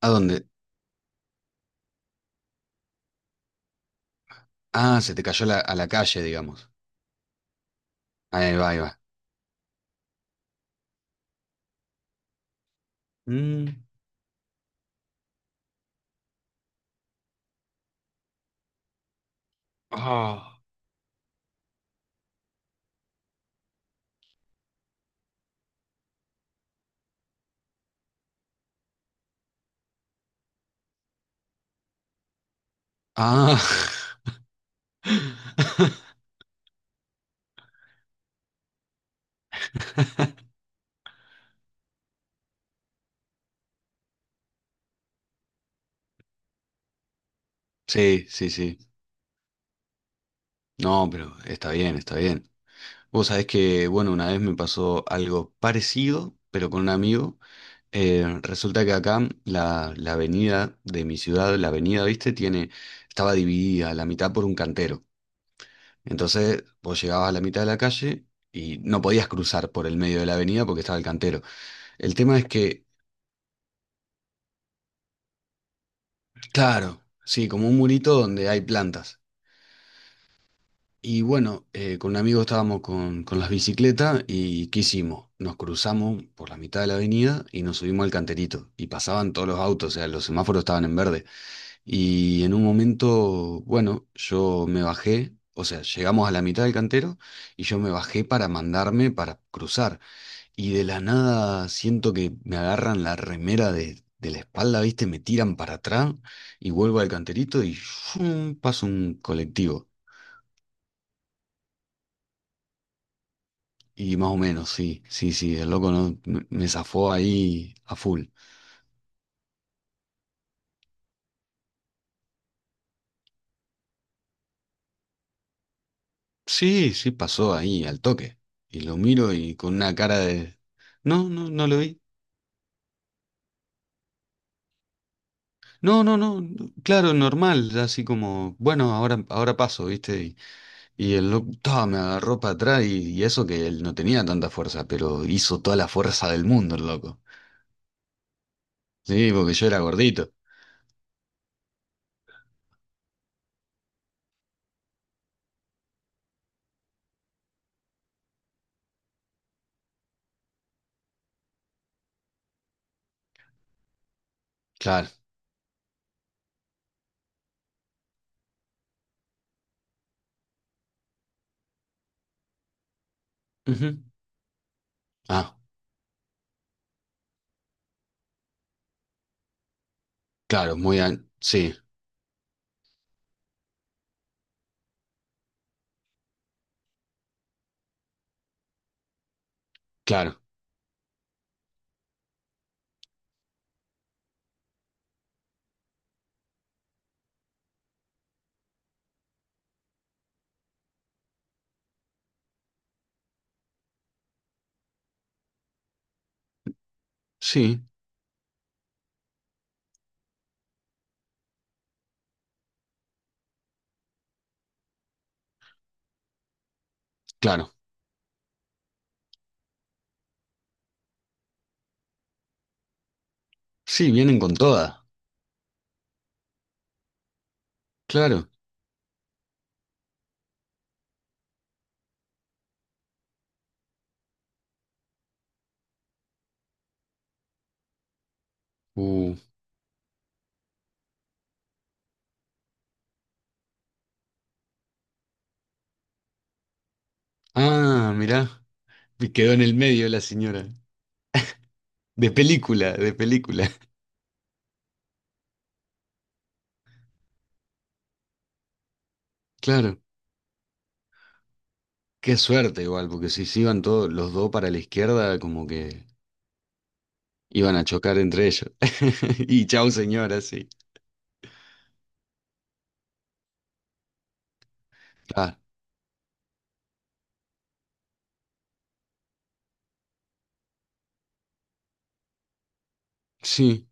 ¿A dónde? Ah, se te cayó a la calle, digamos. Ahí va, ahí va. Mm. Ah. Ah. Sí, sí, sí. No, pero está bien, está bien. Vos sabés que, bueno, una vez me pasó algo parecido, pero con un amigo. Resulta que acá la avenida de mi ciudad, la avenida, viste, tiene, estaba dividida a la mitad por un cantero. Entonces, vos llegabas a la mitad de la calle y no podías cruzar por el medio de la avenida porque estaba el cantero. El tema es que claro, sí, como un murito donde hay plantas. Y bueno, con un amigo estábamos con las bicicletas y ¿qué hicimos? Nos cruzamos por la mitad de la avenida y nos subimos al canterito. Y pasaban todos los autos, o sea, los semáforos estaban en verde. Y en un momento, bueno, yo me bajé, o sea, llegamos a la mitad del cantero y yo me bajé para mandarme para cruzar. Y de la nada siento que me agarran la remera de la espalda, ¿viste? Me tiran para atrás y vuelvo al canterito y ¡fum! Paso un colectivo. Y más o menos, sí, sí, sí, el loco no, me zafó ahí a full. Sí, sí, pasó ahí al toque. Y lo miro y con una cara de... No, no, no lo vi. No, no, no, no, claro, normal, así como, bueno, ahora, ahora paso, ¿viste? Y el loco ta, me agarró para atrás y eso que él no tenía tanta fuerza, pero hizo toda la fuerza del mundo el loco. Sí, porque yo era gordito. Claro. Ujú. Ah, Sí, claro. Sí, claro. Sí, vienen con toda. Claro. Uh. Ah, mirá. Y quedó en el medio la señora. De película, de película. Claro. Qué suerte igual, porque si se iban todos los dos para la izquierda, como que iban a chocar entre ellos. Y chau señora, sí. Claro. Sí.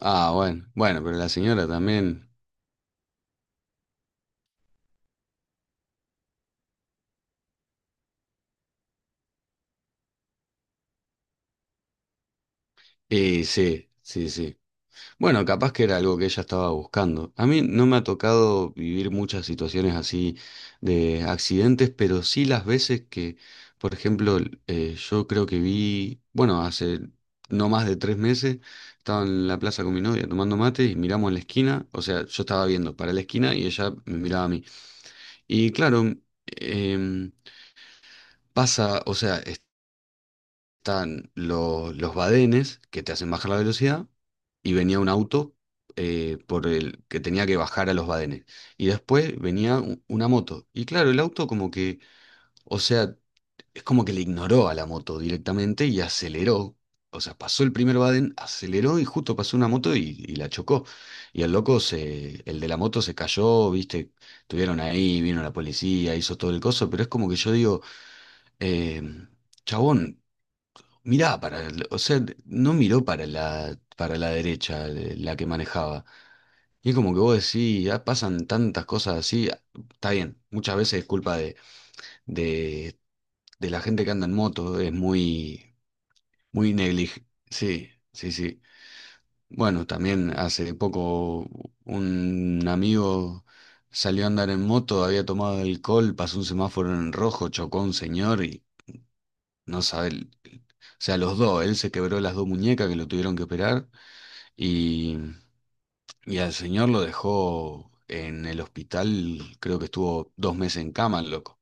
Ah, bueno, bueno, pero la señora también. Y sí, sí, sí. Bueno, capaz que era algo que ella estaba buscando. A mí no me ha tocado vivir muchas situaciones así de accidentes, pero sí las veces que, por ejemplo, yo creo que vi, bueno, hace no más de tres meses, estaba en la plaza con mi novia tomando mate y miramos en la esquina, o sea, yo estaba viendo para la esquina y ella me miraba a mí. Y claro, em, pasa, o sea, están los badenes que te hacen bajar la velocidad y venía un auto por el que tenía que bajar a los badenes. Y después venía una moto. Y claro, el auto como que, o sea, es como que le ignoró a la moto directamente y aceleró. O sea, pasó el primer baden, aceleró y justo pasó una moto y la chocó. Y el loco se, el de la moto se cayó, viste, estuvieron ahí, vino la policía, hizo todo el coso, pero es como que yo digo, eh, chabón, mirá, para, o sea, no miró para para la derecha la que manejaba. Y es como que vos decís, ya pasan tantas cosas así. Está bien, muchas veces es culpa de, de la gente que anda en moto, es muy, muy negligente. Sí, sí, sí. Bueno, también hace poco un amigo salió a andar en moto, había tomado alcohol, pasó un semáforo en rojo, chocó a un señor y no sabe, o sea, los dos, él se quebró las dos muñecas que lo tuvieron que operar. Y, y al señor lo dejó en el hospital, creo que estuvo dos meses en cama, el loco.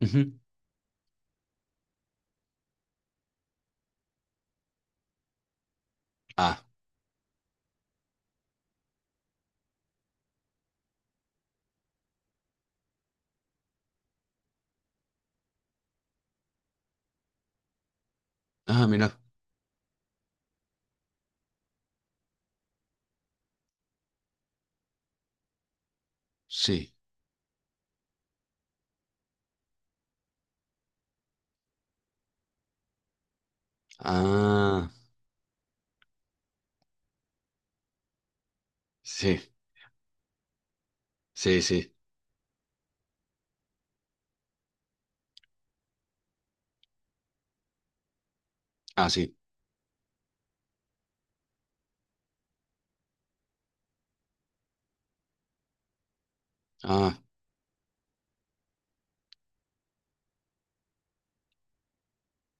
Ujú. Ah, mira, sí. Ah, sí, sí, sí. Ah, sí. Ah,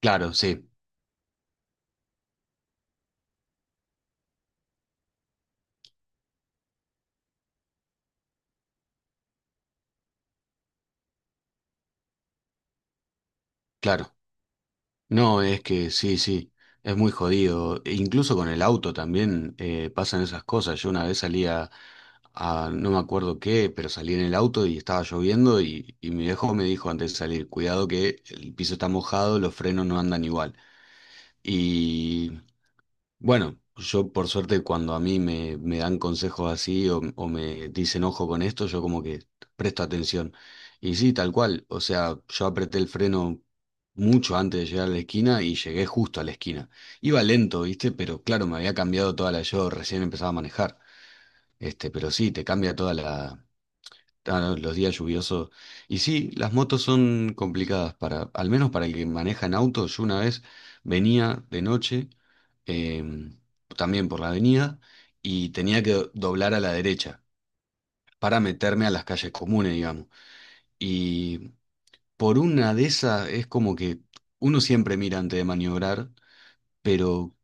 claro, sí, claro. No, es que sí, sí, es muy jodido. E incluso con el auto también pasan esas cosas. Yo una vez salía a no me acuerdo qué, pero salí en el auto y estaba lloviendo y mi viejo me dijo antes de salir, cuidado que el piso está mojado, los frenos no andan igual. Y bueno, yo por suerte cuando a mí me dan consejos así o me dicen ojo con esto, yo como que presto atención. Y sí, tal cual, o sea, yo apreté el freno mucho antes de llegar a la esquina y llegué justo a la esquina. Iba lento, ¿viste? Pero claro, me había cambiado toda la... Yo recién empezaba a manejar. Este, pero sí, te cambia toda la, ah, no, los días lluviosos. Y sí, las motos son complicadas para, al menos para el que maneja en auto. Yo una vez venía de noche, em, también por la avenida, y tenía que doblar a la derecha para meterme a las calles comunes, digamos. Y por una de esas es como que uno siempre mira antes de maniobrar, pero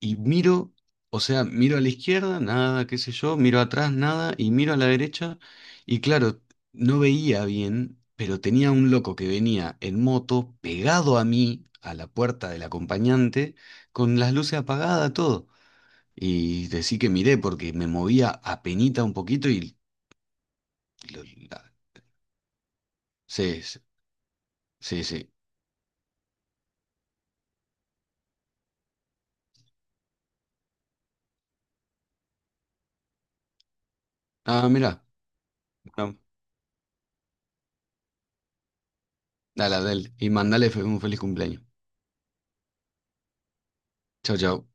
y miro, o sea, miro a la izquierda, nada, qué sé yo, miro atrás, nada, y miro a la derecha, y claro, no veía bien, pero tenía un loco que venía en moto pegado a mí, a la puerta del acompañante, con las luces apagadas, todo. Y decí que miré porque me movía apenita un poquito y... lo- la- sí, sí, sí. Sí. Ah, mira. Bueno, dale, dale, y mandale un feliz cumpleaños. Chao, chao.